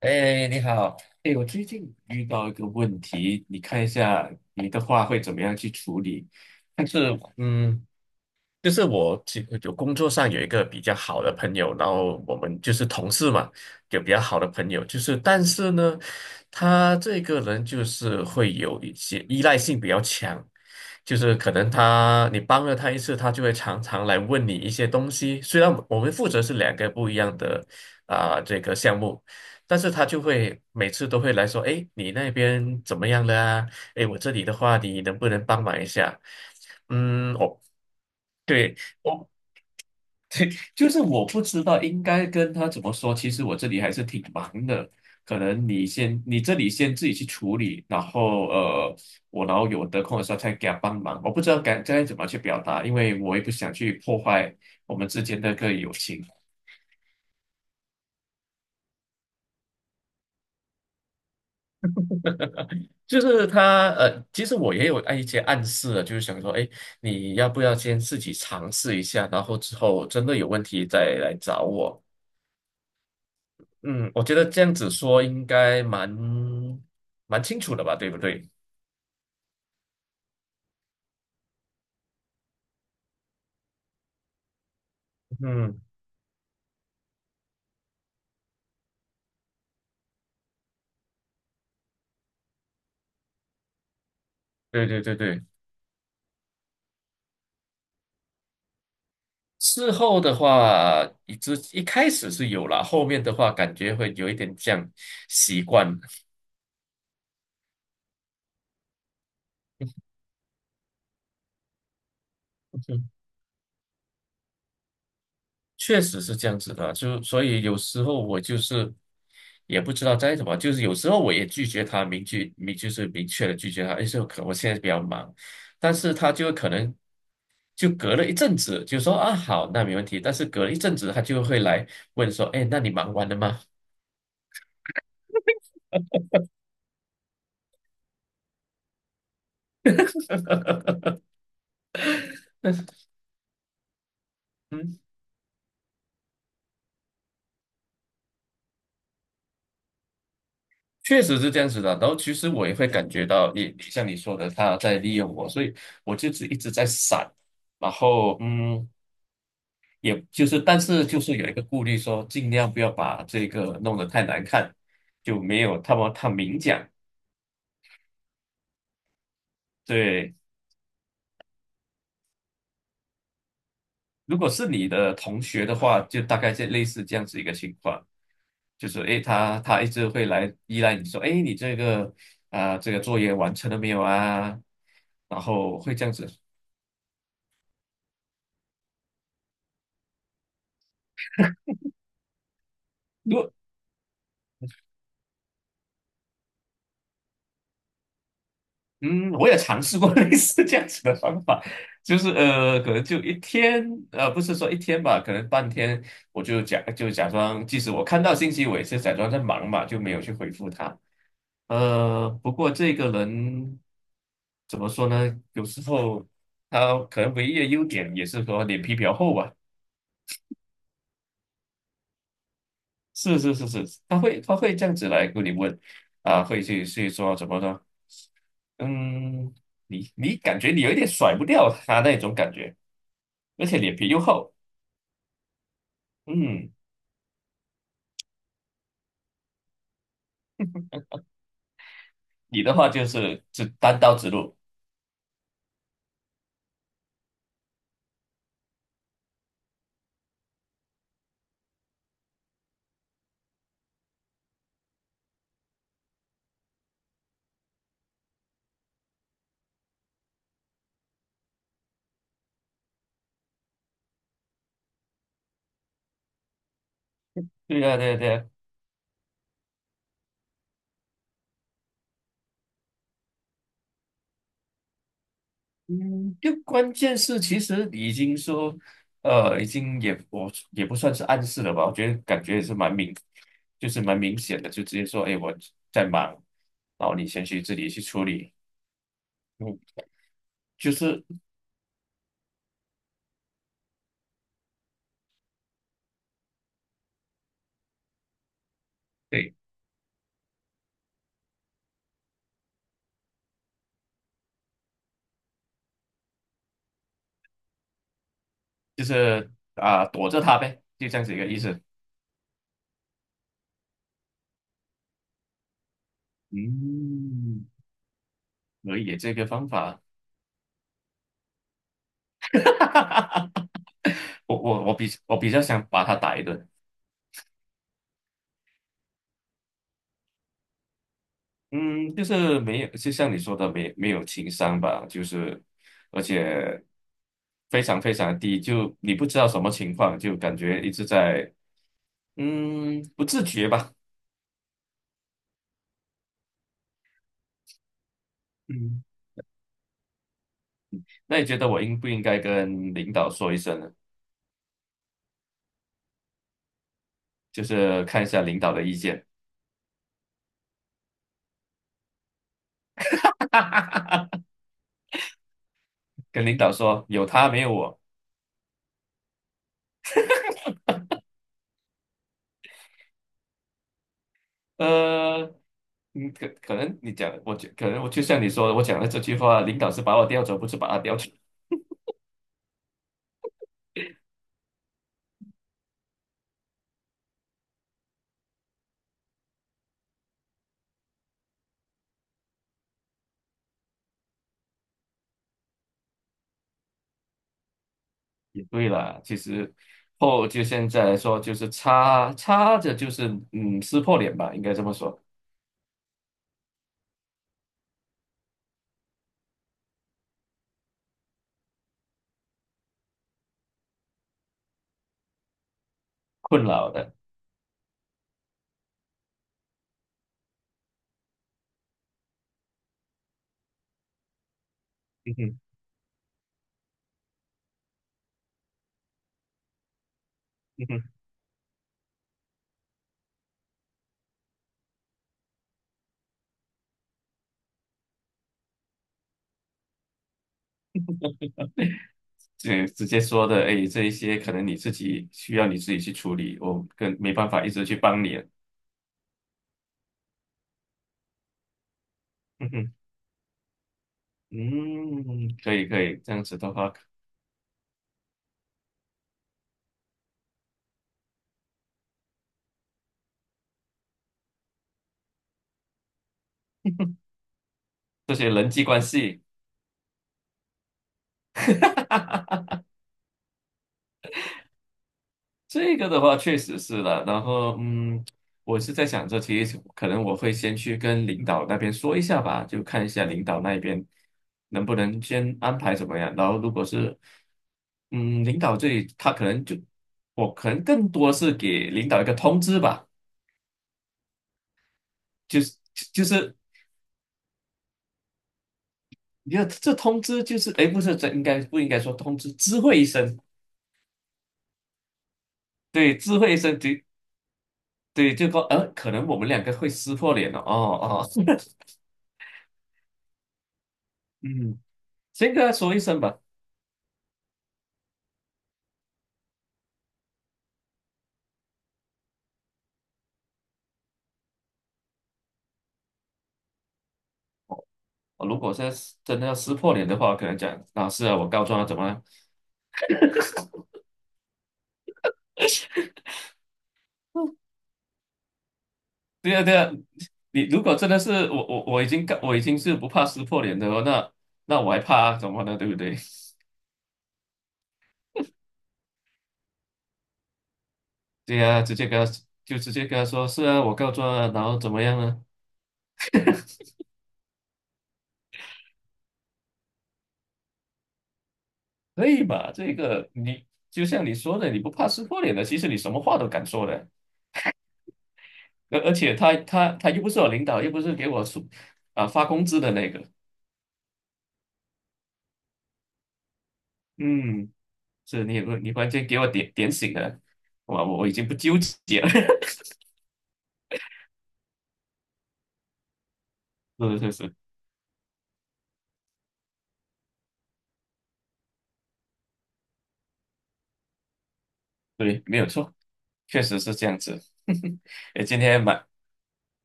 哎，你好。哎，我最近遇到一个问题，你看一下你的话会怎么样去处理？但是，就是我有工作上有一个比较好的朋友，然后我们就是同事嘛，有比较好的朋友，但是呢，他这个人就是会有一些依赖性比较强，就是可能他你帮了他一次，他就会常常来问你一些东西。虽然我们负责是两个不一样的这个项目，但是他就会每次都会来说，哎，你那边怎么样了啊？哎，我这里的话，你能不能帮忙一下？嗯，我对，我就是我不知道应该跟他怎么说。其实我这里还是挺忙的，可能你这里先自己去处理，然后然后有得空的时候再给他帮忙。我不知道该怎么去表达，因为我也不想去破坏我们之间的友情。就是他其实我也有按一些暗示了，就是想说，哎，你要不要先自己尝试一下，然后之后真的有问题再来找我。嗯，我觉得这样子说应该蛮清楚的吧，对不对？嗯，对对对对。事后的话，一开始是有啦，后面的话感觉会有一点这样习惯。确实是这样子的，就所以有时候我就是也不知道在怎么，就是有时候我也拒绝他，明确明就是明确的拒绝他，哎，我现在比较忙，但是他就可能就隔了一阵子就说啊好，那没问题，但是隔了一阵子他就会来问说，哎，那你忙完了吗？嗯，确实是这样子的。然后其实我也会感觉到你像你说的，他在利用我，所以我就是一直在闪，然后嗯。也就是，但是就是有一个顾虑说，尽量不要把这个弄得太难看，就没有他明讲。对，如果是你的同学的话，就大概这类似这样子一个情况，就是诶，他一直会来依赖你说，诶，你这个这个作业完成了没有啊？然后会这样子。如嗯，我也尝试过 类似这样子的方法，就是可能就一天，不是说一天吧，可能半天，我就假装，即使我看到信息，我也是假装在忙嘛，就没有去回复他。不过这个人怎么说呢？有时候他可能唯一的优点也是说脸皮比较厚吧。是是是是，他会这样子来跟你问，啊，去说怎么呢？嗯，你你感觉你有一点甩不掉他那种感觉，而且脸皮又厚。嗯，你的话就是只单刀直入，对呀、对呀、对呀。嗯，就关键是其实已经说，已经也不算是暗示了吧，我觉得感觉也是蛮明显的，就直接说，哎，我在忙，然后你先去自己去处理，嗯，就是。对。就是躲着他呗，就这样子一个意思。嗯，可以，这个方法。我比较想把他打一顿。嗯，就是没有，就像你说的，没有情商吧，就是而且非常非常低，就你不知道什么情况，就感觉一直在不自觉吧。嗯，那你觉得我应不应该跟领导说一声呢？就是看一下领导的意见。跟领导说有他没有我。呃，嗯，可可能你讲，我觉可能我就像你说的，我讲的这句话，领导是把我调走，不是把他调走，也对啦。其实就现在来说，就是插插着就是撕破脸吧，应该这么说。困扰的。嗯哼，嗯哼，这直接说的，哎，这一些可能你自己需要你自己去处理，我没办法一直去帮你了。嗯哼，嗯，可以可以，这样子的话，这些人际关系。这个的话确实是了，然后我是在想着，其实可能我会先去跟领导那边说一下吧，就看一下领导那边能不能先安排怎么样。然后如果是嗯，领导这里他可能就可能更多是给领导一个通知吧，就是就是你看这通知就是哎，诶不是这不应该说通知，知会一声，对，知会一声，对对，就说可能我们两个会撕破脸了，哦哦。嗯，先跟他说一声吧。如果现在是真的要撕破脸的话，可能讲老师啊，我告状啊，怎么了？对啊，对啊，你如果真的是我已经是不怕撕破脸的了，那那我还怕啊怎么呢？对不对？对啊，直接跟他就直接跟他说，是啊，我告状啊，然后怎么样呢？可以吧？这个你就像你说的，你不怕撕破脸的，其实你什么话都敢说的，而且他又不是我领导，又不是给我出发工资的那个。嗯。是你你关键给我点醒了，哇，我我已经不纠结了。是是是，对，没有错，确实是这样子。哎，今天蛮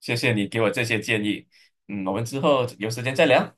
谢谢你给我这些建议，嗯，我们之后有时间再聊。